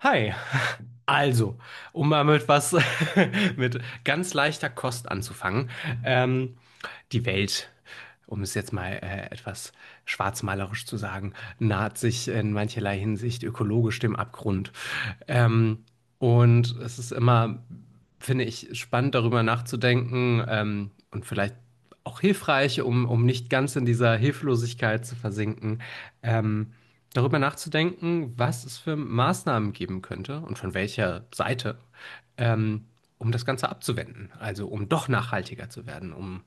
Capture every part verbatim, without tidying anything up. Hi. Also, um mal mit was mit ganz leichter Kost anzufangen. Ähm, die Welt, um es jetzt mal äh, etwas schwarzmalerisch zu sagen, naht sich in mancherlei Hinsicht ökologisch dem Abgrund. Ähm, und es ist immer, finde ich, spannend darüber nachzudenken ähm, und vielleicht auch hilfreich, um, um nicht ganz in dieser Hilflosigkeit zu versinken. Ähm, darüber nachzudenken, was es für Maßnahmen geben könnte und von welcher Seite, ähm, um das Ganze abzuwenden. Also um doch nachhaltiger zu werden, um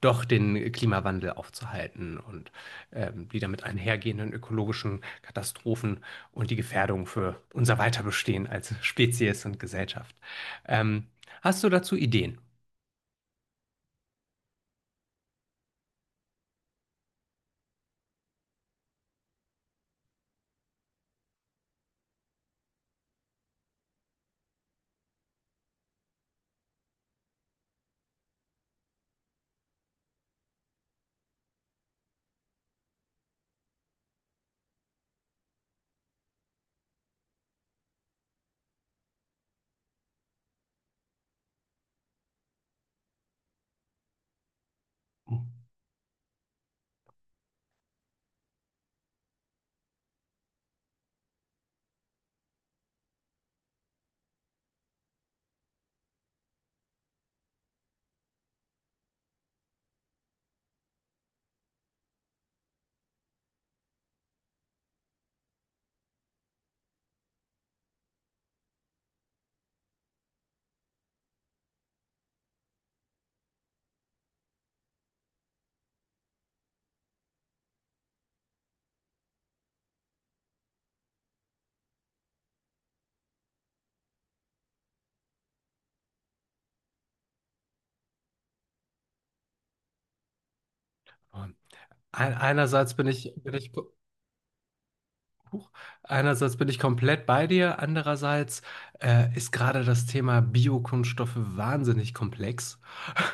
doch den Klimawandel aufzuhalten und ähm, die damit einhergehenden ökologischen Katastrophen und die Gefährdung für unser Weiterbestehen als Spezies und Gesellschaft. Ähm, hast du dazu Ideen? Ein- Einerseits bin ich, bin ich, Buch. Einerseits bin ich komplett bei dir, andererseits äh, ist gerade das Thema Biokunststoffe wahnsinnig komplex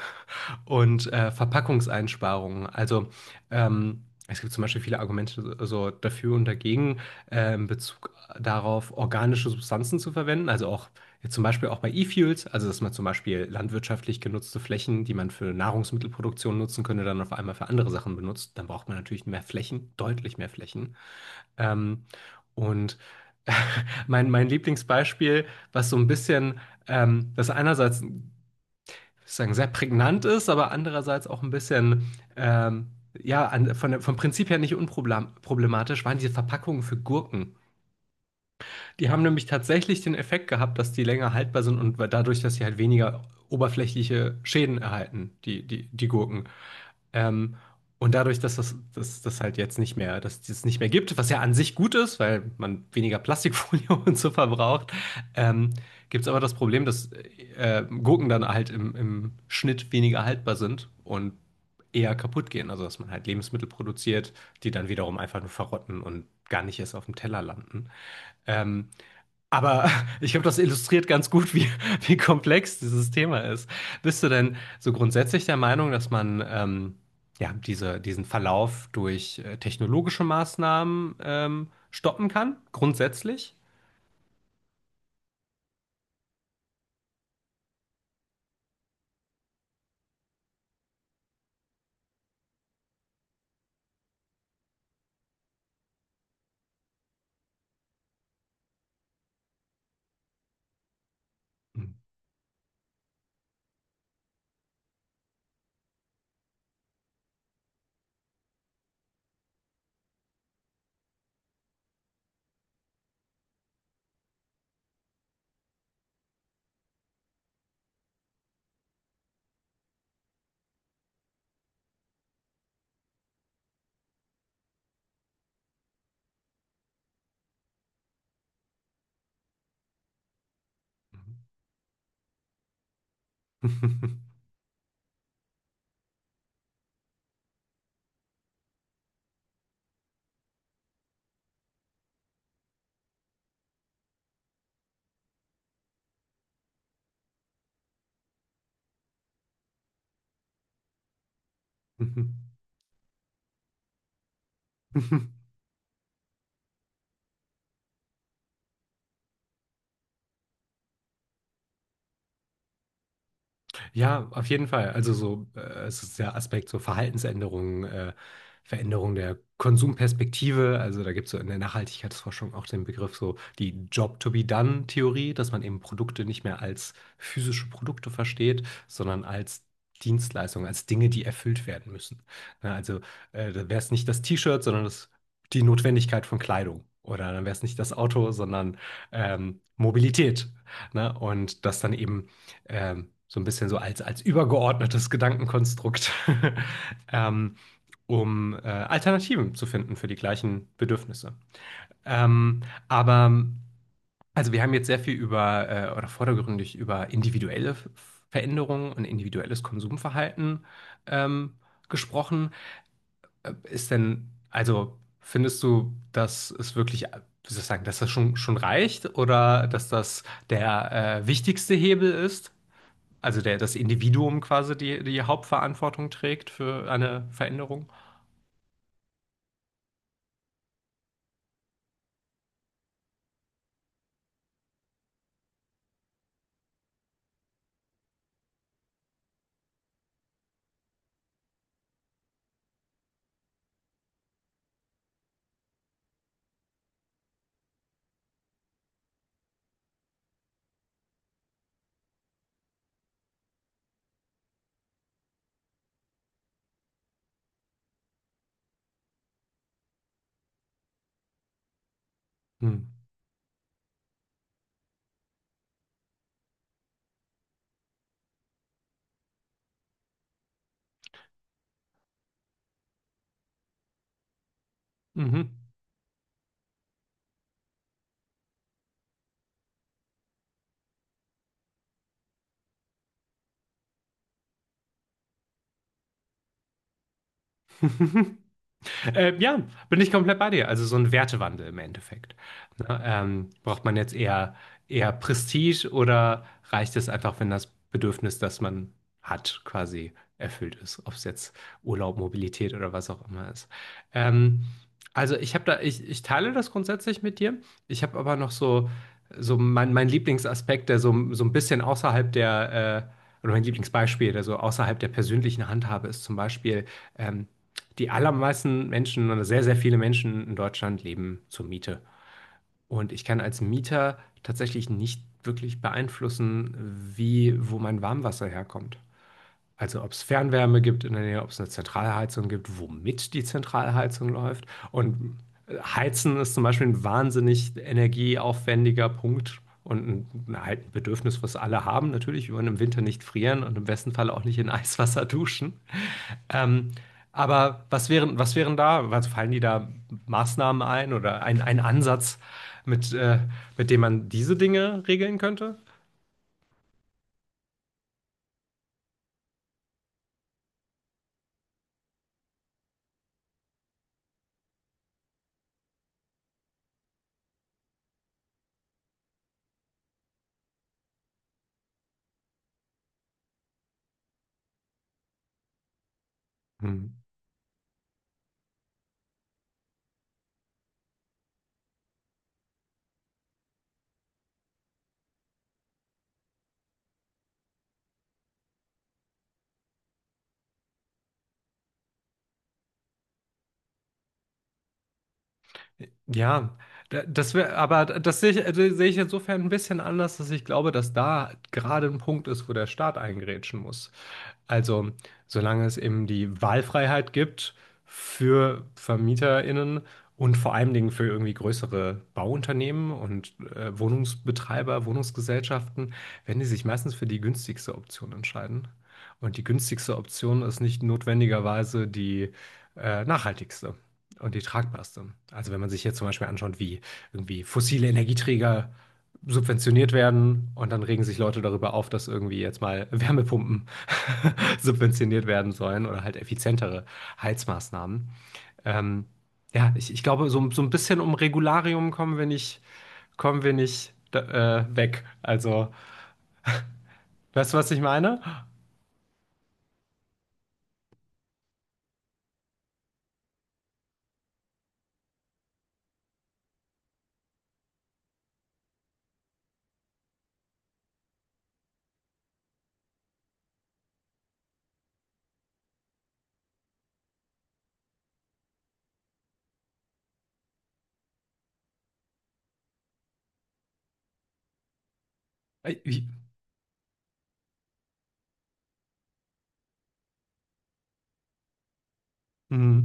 und äh, Verpackungseinsparungen. Also ähm, es gibt zum Beispiel viele Argumente so so dafür und dagegen äh, in Bezug darauf, organische Substanzen zu verwenden. Also auch jetzt zum Beispiel auch bei E-Fuels, also dass man zum Beispiel landwirtschaftlich genutzte Flächen, die man für Nahrungsmittelproduktion nutzen könnte, dann auf einmal für andere Sachen benutzt. Dann braucht man natürlich mehr Flächen, deutlich mehr Flächen. Ähm, und mein, mein Lieblingsbeispiel, was so ein bisschen, ähm, das einerseits sagen, sehr prägnant ist, aber andererseits auch ein bisschen, ähm, ja, an, von, der- vom Prinzip her nicht unproblematisch, waren diese Verpackungen für Gurken. Die haben nämlich tatsächlich den Effekt gehabt, dass die länger haltbar sind und dadurch, dass sie halt weniger oberflächliche Schäden erhalten, die, die, die Gurken. Ähm, und dadurch, dass das, dass das halt jetzt nicht mehr, dass es das nicht mehr gibt, was ja an sich gut ist, weil man weniger Plastikfolie und so verbraucht, ähm, gibt es aber das Problem, dass äh, Gurken dann halt im, im Schnitt weniger haltbar sind und eher kaputt gehen. Also, dass man halt Lebensmittel produziert, die dann wiederum einfach nur verrotten und gar nicht erst auf dem Teller landen. Ähm, aber ich glaube, das illustriert ganz gut, wie, wie komplex dieses Thema ist. Bist du denn so grundsätzlich der Meinung, dass man ähm, ja, diese, diesen Verlauf durch äh, technologische Maßnahmen ähm, stoppen kann? Grundsätzlich? Ja, auf jeden Fall. Also so, äh, es ist der Aspekt so Verhaltensänderungen, äh, Veränderung der Konsumperspektive. Also da gibt es so in der Nachhaltigkeitsforschung auch den Begriff so die Job-to-be-done-Theorie, dass man eben Produkte nicht mehr als physische Produkte versteht, sondern als Dienstleistungen, als Dinge, die erfüllt werden müssen. Ja, also äh, da wäre es nicht das T-Shirt, sondern das, die Notwendigkeit von Kleidung. Oder dann wäre es nicht das Auto, sondern ähm, Mobilität. Ne? Und dass dann eben ähm, so ein bisschen so als, als übergeordnetes Gedankenkonstrukt, ähm, um äh, Alternativen zu finden für die gleichen Bedürfnisse. Ähm, aber also wir haben jetzt sehr viel über äh, oder vordergründig über individuelle Veränderungen und individuelles Konsumverhalten ähm, gesprochen. Äh, Ist denn, also findest du, dass es wirklich, äh, wie soll ich sagen, dass das schon, schon reicht oder dass das der äh, wichtigste Hebel ist? Also der, das Individuum quasi die, die Hauptverantwortung trägt für eine Veränderung? Hm. Mhm. Ähm, ja, bin ich komplett bei dir. Also so ein Wertewandel im Endeffekt. Ne? Ähm, braucht man jetzt eher, eher Prestige oder reicht es einfach, wenn das Bedürfnis, das man hat, quasi erfüllt ist? Ob es jetzt Urlaub, Mobilität oder was auch immer ist. Ähm, also ich habe da, ich, ich teile das grundsätzlich mit dir. Ich habe aber noch so, so mein, mein Lieblingsaspekt, der so, so ein bisschen außerhalb der, äh, oder mein Lieblingsbeispiel, der so außerhalb der persönlichen Handhabe ist, zum Beispiel. Ähm, die allermeisten Menschen oder sehr, sehr viele Menschen in Deutschland leben zur Miete. Und ich kann als Mieter tatsächlich nicht wirklich beeinflussen, wie, wo mein Warmwasser herkommt. Also ob es Fernwärme gibt in der Nähe, ob es eine Zentralheizung gibt, womit die Zentralheizung läuft. Und Heizen ist zum Beispiel ein wahnsinnig energieaufwendiger Punkt und ein, halt Bedürfnis, was alle haben. Natürlich, wir wollen im Winter nicht frieren und im besten Fall auch nicht in Eiswasser duschen. Ähm, aber was wären, was wären da, also fallen die da Maßnahmen ein oder ein, ein Ansatz, mit, äh, mit dem man diese Dinge regeln könnte? Hm. Ja, da- das wäre, aber das sehe ich, äh, sehe ich insofern ein bisschen anders, dass ich glaube, dass da gerade ein Punkt ist, wo der Staat eingrätschen muss. Also, solange es eben die Wahlfreiheit gibt für VermieterInnen und vor allen Dingen für irgendwie größere Bauunternehmen und äh, Wohnungsbetreiber, Wohnungsgesellschaften, werden die sich meistens für die günstigste Option entscheiden. Und die günstigste Option ist nicht notwendigerweise die äh, nachhaltigste und die tragbarste. Also wenn man sich jetzt zum Beispiel anschaut, wie irgendwie fossile Energieträger subventioniert werden und dann regen sich Leute darüber auf, dass irgendwie jetzt mal Wärmepumpen subventioniert werden sollen oder halt effizientere Heizmaßnahmen. Ähm, ja, ich, ich glaube, so, so ein bisschen um Regularium kommen wir nicht, kommen wir nicht da- äh, weg. Also, weißt du, was ich meine? Äh, ich- mh,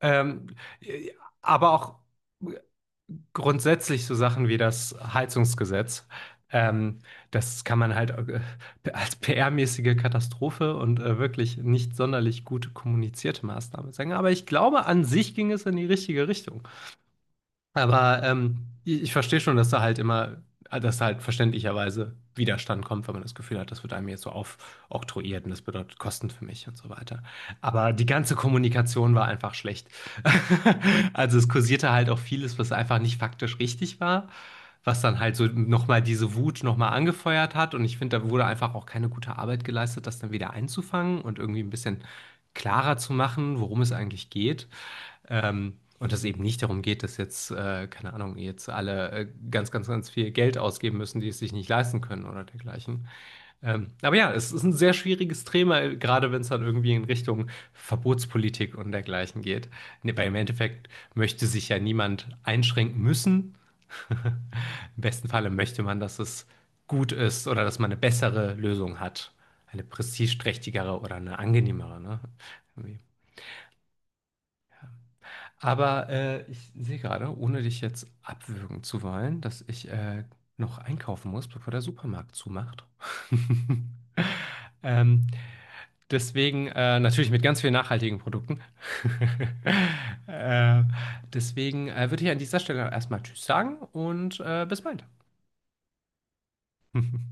Ähm, äh, aber auch grundsätzlich so Sachen wie das Heizungsgesetz. Ähm, das kann man halt äh, als P R-mäßige Katastrophe und äh, wirklich nicht sonderlich gut kommunizierte Maßnahme sagen. Aber ich glaube, an sich ging es in die richtige Richtung. Aber ähm, ich, ich verstehe schon, dass da halt immer, äh, dass da halt verständlicherweise Widerstand kommt, wenn man das Gefühl hat, das wird einem jetzt so aufoktroyiert und das bedeutet Kosten für mich und so weiter. Aber die ganze Kommunikation war einfach schlecht. Also es kursierte halt auch vieles, was einfach nicht faktisch richtig war, was dann halt so nochmal diese Wut nochmal angefeuert hat. Und ich finde, da wurde einfach auch keine gute Arbeit geleistet, das dann wieder einzufangen und irgendwie ein bisschen klarer zu machen, worum es eigentlich geht. Ähm, und dass es eben nicht darum geht, dass jetzt, äh, keine Ahnung, jetzt alle äh, ganz, ganz, ganz viel Geld ausgeben müssen, die es sich nicht leisten können oder dergleichen. Ähm, aber ja, es ist ein sehr schwieriges Thema, gerade wenn es dann irgendwie in Richtung Verbotspolitik und dergleichen geht. Nee, weil im Endeffekt möchte sich ja niemand einschränken müssen. Im besten Falle möchte man, dass es gut ist oder dass man eine bessere Lösung hat. Eine prestigeträchtigere oder eine angenehmere, ne? Irgendwie. Aber äh, ich sehe gerade, ohne dich jetzt abwürgen zu wollen, dass ich äh, noch einkaufen muss, bevor der Supermarkt zumacht. Ähm, deswegen äh, natürlich mit ganz vielen nachhaltigen Produkten. äh, deswegen äh, würde ich an dieser Stelle erstmal Tschüss sagen und äh, bis bald.